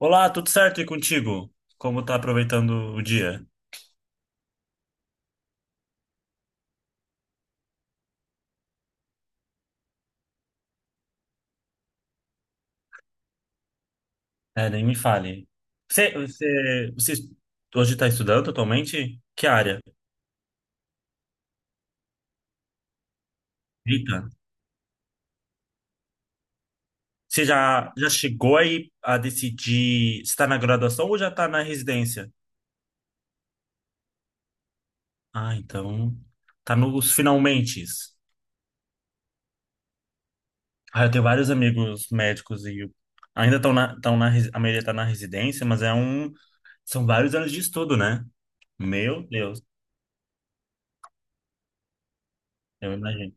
Olá, tudo certo e contigo? Como tá aproveitando o dia? É, nem me fale. Você hoje está estudando atualmente? Que área? Eita. Você já chegou aí a decidir se está na graduação ou já está na residência? Ah, então tá nos finalmentes. Ah, eu tenho vários amigos médicos ainda a maioria tá na residência, são vários anos de estudo, né? Meu Deus, eu imagino.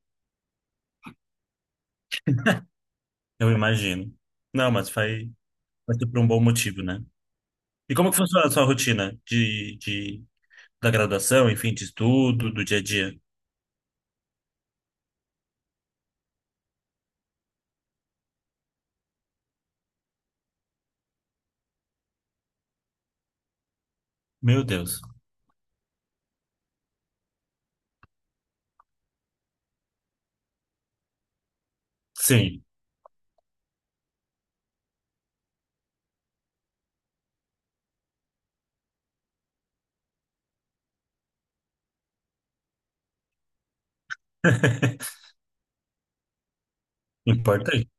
Eu imagino. Não, mas faz. Mas por um bom motivo, né? E como que funciona a sua rotina da graduação, enfim, de estudo, do dia a dia? Meu Deus. Sim. Importante.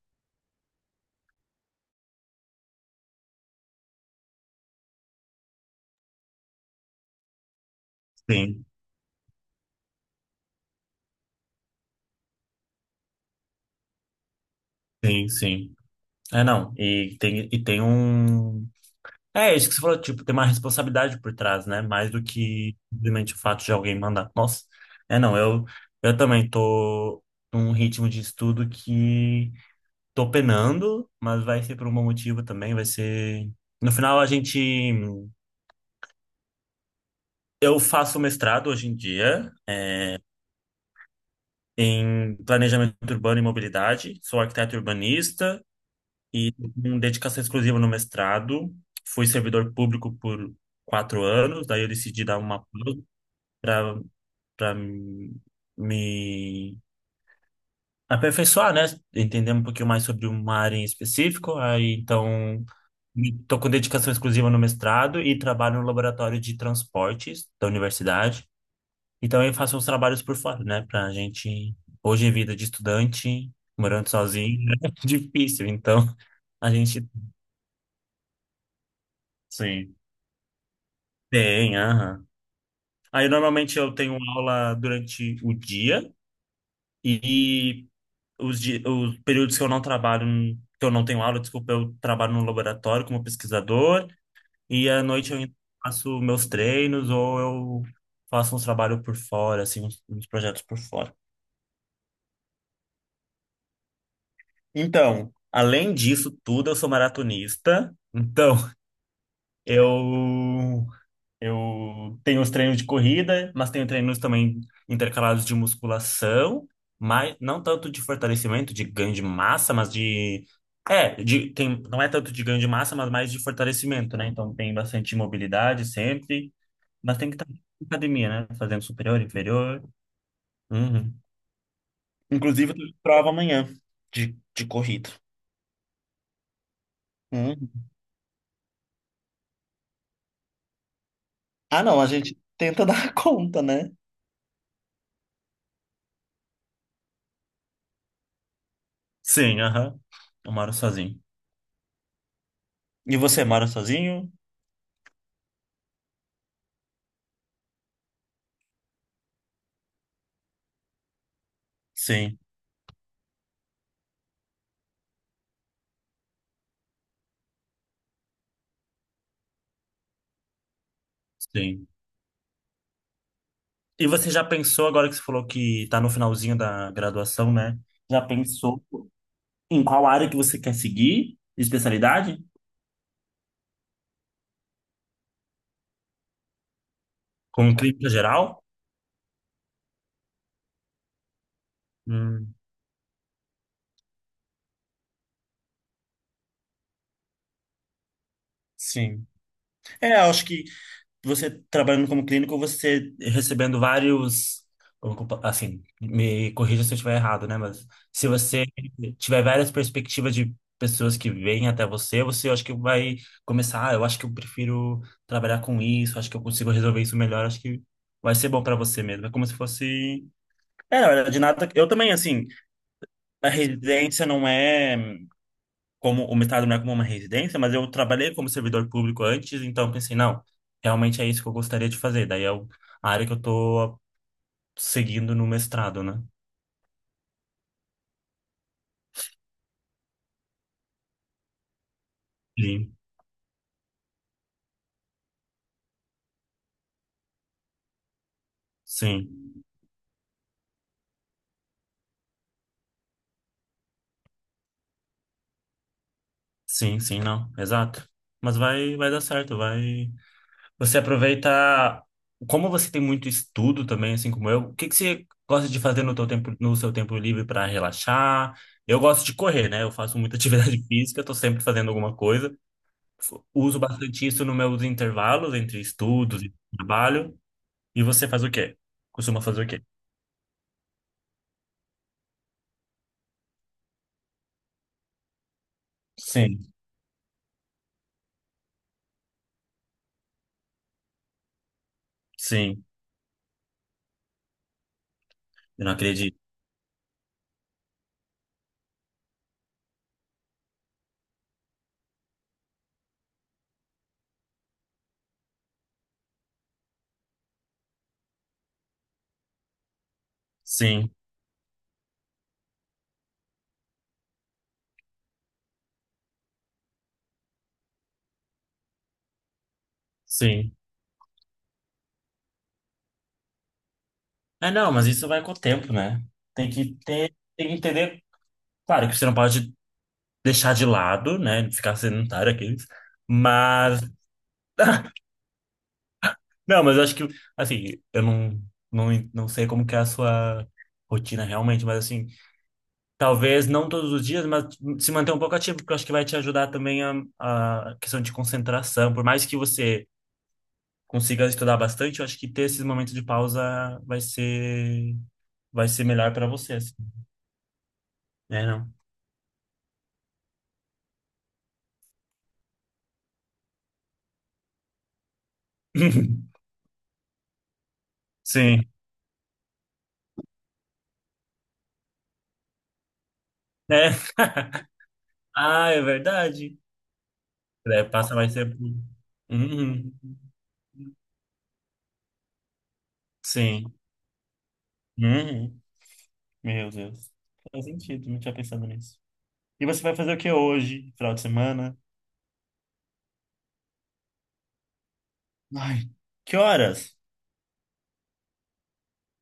Sim, sim, sim. É, não. E tem um. É isso que você falou, tipo, tem uma responsabilidade por trás, né? Mais do que simplesmente o fato de alguém mandar. Nossa. É, não. Eu também tô num ritmo de estudo que tô penando, mas vai ser por um bom motivo também. Vai ser. No final, a gente. Eu faço mestrado hoje em dia em planejamento urbano e mobilidade. Sou arquiteto urbanista e com dedicação exclusiva no mestrado. Fui servidor público por 4 anos, daí eu decidi dar uma pausa para para me aperfeiçoar, né? Entender um pouquinho mais sobre uma área em específico. Aí então estou com dedicação exclusiva no mestrado e trabalho no laboratório de transportes da universidade. E também faço uns trabalhos por fora, né? Pra gente. Hoje, é vida de estudante, morando sozinho, é difícil. Então, a gente. Sim. Tem, aham. Aí, normalmente, eu tenho aula durante o dia e os períodos que eu não trabalho, que eu não tenho aula, desculpa, eu trabalho no laboratório como pesquisador e à noite eu ainda faço meus treinos ou eu faço uns trabalhos por fora, assim, uns projetos por fora. Então, além disso tudo, eu sou maratonista. Então, eu eu tenho os treinos de corrida, mas tenho treinos também intercalados de musculação, mas não tanto de fortalecimento, de ganho de massa, mas de é, de tem não é tanto de ganho de massa, mas mais de fortalecimento, né? Então tem bastante mobilidade sempre, mas tem que estar na academia, né? Fazendo superior, inferior. Uhum. Inclusive, eu tenho prova amanhã de corrida. Uhum. Ah, não, a gente tenta dar conta, né? Sim, aham. Eu moro sozinho. E você mora sozinho? Sim, sim. E você já pensou, agora que você falou que tá no finalzinho da graduação, né? Já pensou em qual área que você quer seguir? Especialidade? Com clínica geral? Hum, sim. É, eu acho que você trabalhando como clínico, você recebendo vários, assim, me corrija se eu estiver errado, né? Mas se você tiver várias perspectivas de pessoas que vêm até você, você acho que vai começar, ah, eu acho que eu prefiro trabalhar com isso, acho que eu consigo resolver isso melhor, acho que vai ser bom para você mesmo. É como se fosse, é, na verdade, nada, eu também assim, a residência não é como o mestrado não é como uma residência, mas eu trabalhei como servidor público antes, então pensei, não, realmente é isso que eu gostaria de fazer. Daí a área que eu tô seguindo no mestrado, né? Sim, sim, sim, sim, não, exato. Mas vai dar certo, vai. Você aproveita, como você tem muito estudo também, assim como eu, o que que você gosta de fazer no teu tempo, no seu tempo livre para relaxar? Eu gosto de correr, né? Eu faço muita atividade física, tô sempre fazendo alguma coisa. Uso bastante isso nos meus intervalos entre estudos e trabalho. E você faz o quê? Costuma fazer o quê? Sim, sim. Eu não acredito. Sim, sim. É, não, mas isso vai com o tempo, né? Tem que ter, tem que entender. Claro que você não pode deixar de lado, né? Ficar sedentário aqueles. Mas, não, mas eu acho que, assim, eu não sei como que é a sua rotina realmente, mas assim. Talvez não todos os dias, mas se manter um pouco ativo, porque eu acho que vai te ajudar também a questão de concentração. Por mais que você consiga estudar bastante, eu acho que ter esses momentos de pausa vai ser melhor para você, assim. É, não? Sim. É. Ah, é verdade. É, passa mais tempo. Uhum. Sim. Uhum. Meu Deus. Faz sentido, não tinha pensado nisso. E você vai fazer o que hoje, final de semana? Ai, que horas?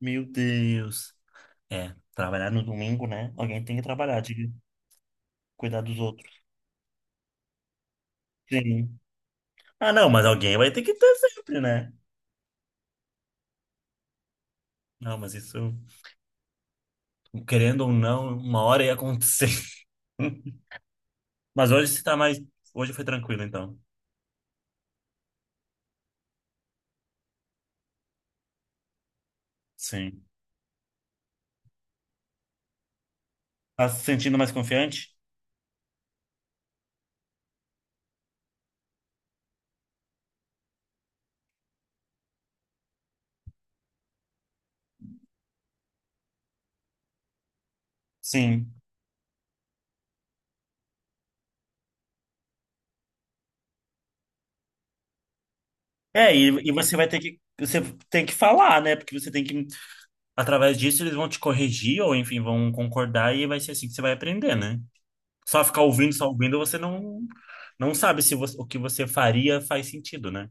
Meu Deus. É, trabalhar no domingo, né? Alguém tem que trabalhar, de cuidar dos outros. Sim. Ah, não, mas alguém vai ter que ter sempre, né? Não, mas isso, querendo ou não, uma hora ia acontecer. Mas hoje você tá mais. Hoje foi tranquilo, então. Sim. Tá se sentindo mais confiante? Sim. É, e você vai ter que. Você tem que falar, né? Porque você tem que. Através disso, eles vão te corrigir, ou enfim, vão concordar, e vai ser assim que você vai aprender, né? Só ficar ouvindo, só ouvindo, você não sabe se você- o que você faria faz sentido, né?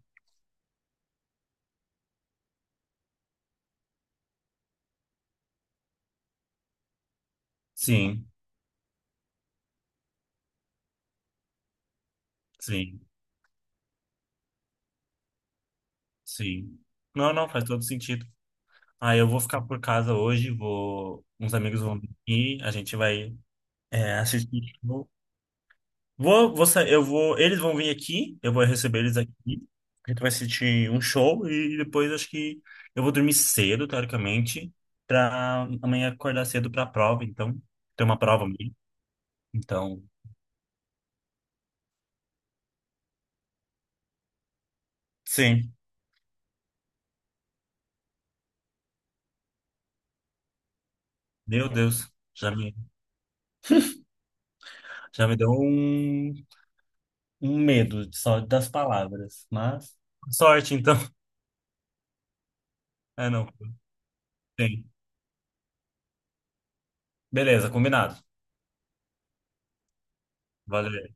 Sim, sim, sim. Não, não, faz todo sentido. Ah, eu vou ficar por casa hoje, uns amigos vão vir aqui, a gente vai assistir. Vou, vou, vou sa- eu vou, eles vão vir aqui, eu vou receber eles aqui. A gente vai assistir um show e depois acho que eu vou dormir cedo, teoricamente, pra amanhã acordar cedo pra prova, então, tem uma prova amanhã. Então, sim. Meu Deus, já me deu um medo de só das palavras, mas sorte então. É, não, tem. Beleza, combinado. Valeu.